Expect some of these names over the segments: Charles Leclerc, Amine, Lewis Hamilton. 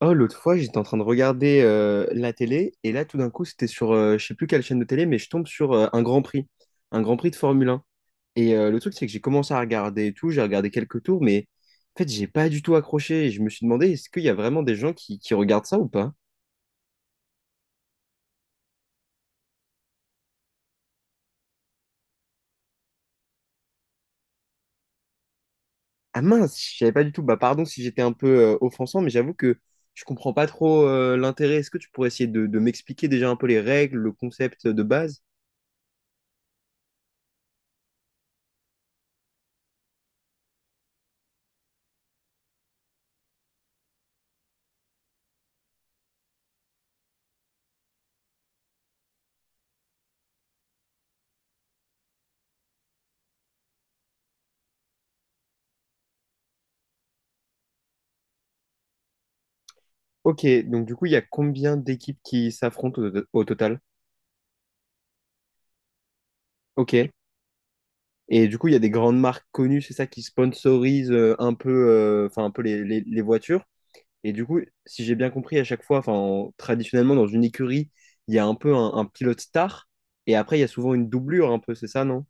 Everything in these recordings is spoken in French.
Oh, l'autre fois, j'étais en train de regarder la télé et là, tout d'un coup, c'était sur, je sais plus quelle chaîne de télé, mais je tombe sur un Grand Prix de Formule 1. Et le truc, c'est que j'ai commencé à regarder et tout, j'ai regardé quelques tours, mais en fait, j'ai pas du tout accroché. Et je me suis demandé, est-ce qu'il y a vraiment des gens qui regardent ça ou pas? Ah mince, je savais pas du tout. Bah pardon si j'étais un peu offensant, mais j'avoue que je comprends pas trop l'intérêt. Est-ce que tu pourrais essayer de m'expliquer déjà un peu les règles, le concept de base? Ok, donc du coup, il y a combien d'équipes qui s'affrontent au total? Ok. Et du coup, il y a des grandes marques connues, c'est ça, qui sponsorisent un peu, enfin, un peu les voitures. Et du coup, si j'ai bien compris, à chaque fois, enfin, traditionnellement, dans une écurie, il y a un peu un pilote star. Et après, il y a souvent une doublure, un peu, c'est ça, non?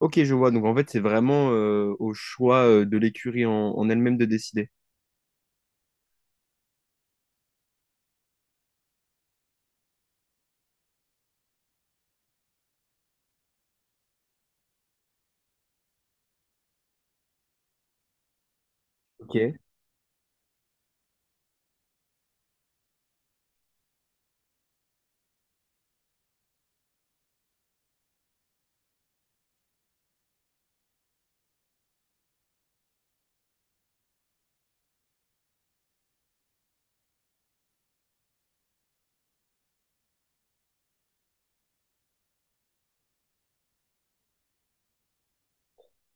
Ok, je vois. Donc, en fait, c'est vraiment au choix de l'écurie en elle-même de décider. Ok.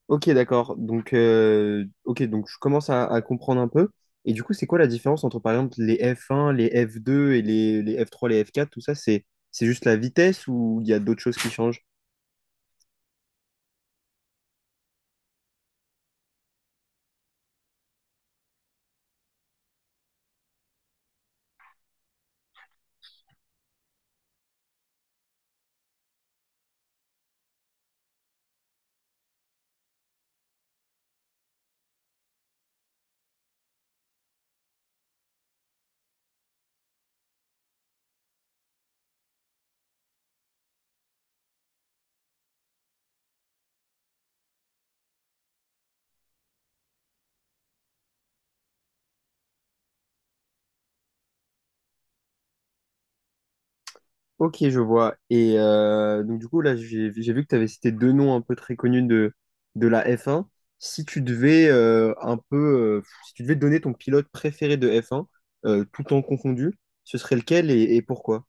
Ok, d'accord. Donc, ok, donc je commence à comprendre un peu. Et du coup, c'est quoi la différence entre, par exemple, les f un les f deux et les f trois les f quatre tout ça, c'est juste la vitesse ou il y a d'autres choses qui changent? Ok, je vois. Et donc, du coup, là, j'ai vu que tu avais cité deux noms un peu très connus de la f un. Si tu devais un peu, si tu devais donner ton pilote préféré de f un tout en confondu, ce serait lequel et pourquoi?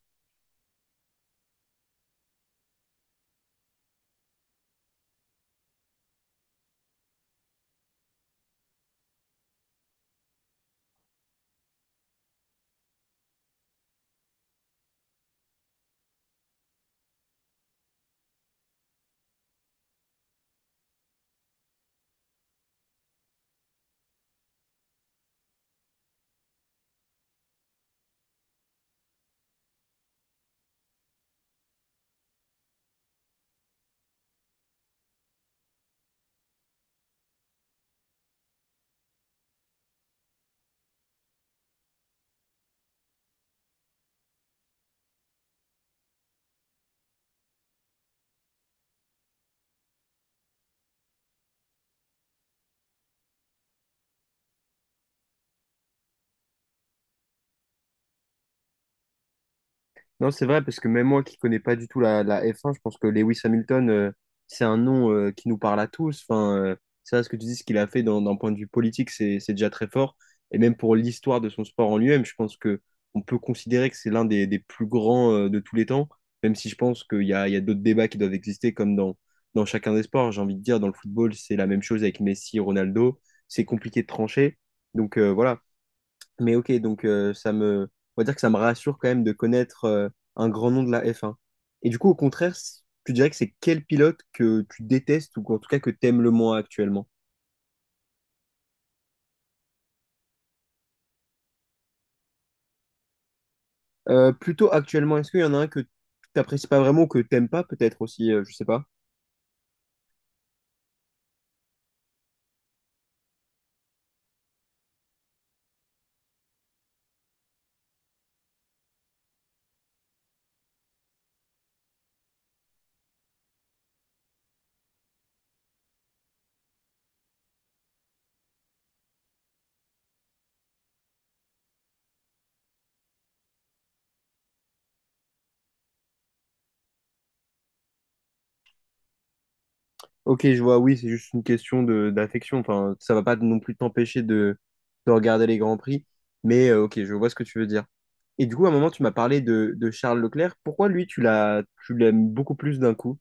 Non, c'est vrai, parce que même moi qui connais pas du tout la F1, je pense que Lewis Hamilton, c'est un nom qui nous parle à tous. Enfin, c'est vrai ce que tu dis, ce qu'il a fait d'un point de vue politique, c'est déjà très fort. Et même pour l'histoire de son sport en lui-même, je pense que on peut considérer que c'est l'un des plus grands de tous les temps, même si je pense qu'il y il y a d'autres débats qui doivent exister, comme dans chacun des sports. J'ai envie de dire, dans le football, c'est la même chose avec Messi, Ronaldo. C'est compliqué de trancher. Donc voilà. Mais ok, donc ça me, on va dire que ça me rassure quand même de connaître un grand nom de la F1. Et du coup, au contraire, tu dirais que c'est quel pilote que tu détestes ou en tout cas que t'aimes le moins actuellement? Plutôt actuellement, est-ce qu'il y en a un que t'apprécies pas vraiment ou que t'aimes pas peut-être aussi, je sais pas. Ok, je vois, oui, c'est juste une question de d'affection. Enfin, ça va pas non plus t'empêcher de regarder les Grands Prix. Mais ok, je vois ce que tu veux dire. Et du coup, à un moment, tu m'as parlé de Charles Leclerc. Pourquoi lui, tu l'aimes beaucoup plus d'un coup?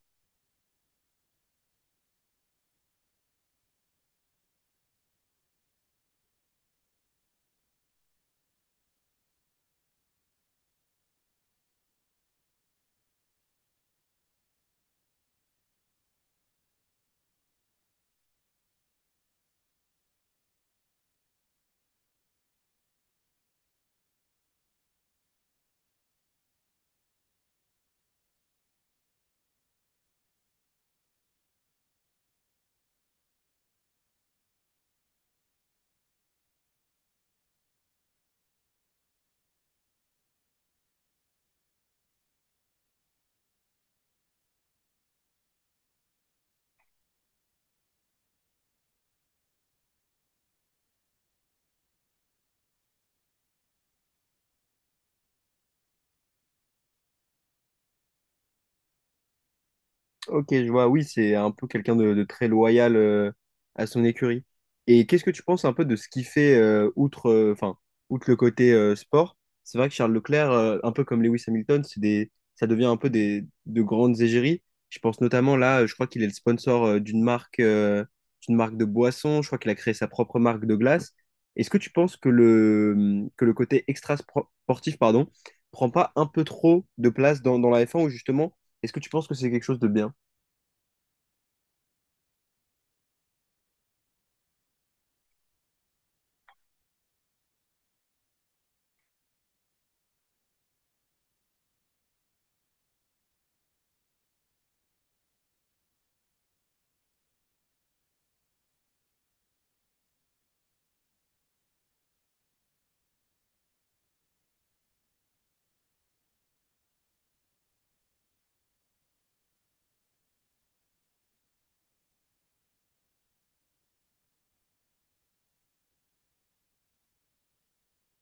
Ok, je vois, oui, c'est un peu quelqu'un de très loyal à son écurie. Et qu'est-ce que tu penses un peu de ce qu'il fait outre, enfin, outre le côté sport? C'est vrai que Charles Leclerc, un peu comme Lewis Hamilton, c'est des, ça devient un peu des, de grandes égéries. Je pense notamment là, je crois qu'il est le sponsor d'une marque de boisson. Je crois qu'il a créé sa propre marque de glace. Est-ce que tu penses que que le côté extra-sportif, pardon, prend pas un peu trop de place dans la F1 ou justement, est-ce que tu penses que c'est quelque chose de bien?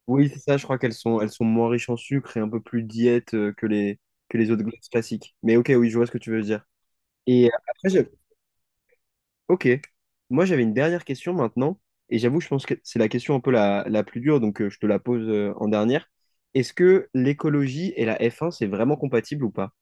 Oui, c'est ça, je crois qu'elles elles sont moins riches en sucre et un peu plus diète que que les autres glaces classiques. Mais ok, oui, je vois ce que tu veux dire. Et après, ok. Moi, j'avais une dernière question maintenant. Et j'avoue, je pense que c'est la question un peu la plus dure, donc je te la pose en dernière. Est-ce que l'écologie et la F1, c'est vraiment compatible ou pas?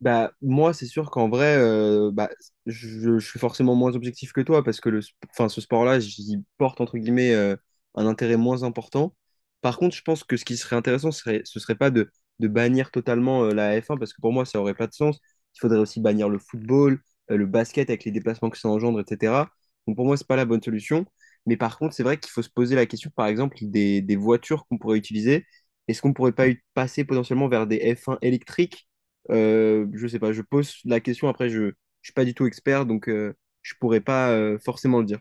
Bah, moi, c'est sûr qu'en vrai, bah, je suis forcément moins objectif que toi parce que enfin, ce sport-là, j'y porte entre guillemets un intérêt moins important. Par contre, je pense que ce qui serait intéressant, ce serait pas de, de bannir totalement la F1 parce que pour moi, ça aurait pas de sens. Il faudrait aussi bannir le football, le basket avec les déplacements que ça engendre, etc. Donc pour moi, c'est pas la bonne solution. Mais par contre, c'est vrai qu'il faut se poser la question, par exemple, des voitures qu'on pourrait utiliser. Est-ce qu'on pourrait pas y passer potentiellement vers des F1 électriques? Je sais pas, je pose la question, après je suis pas du tout expert, donc je pourrais pas forcément le dire.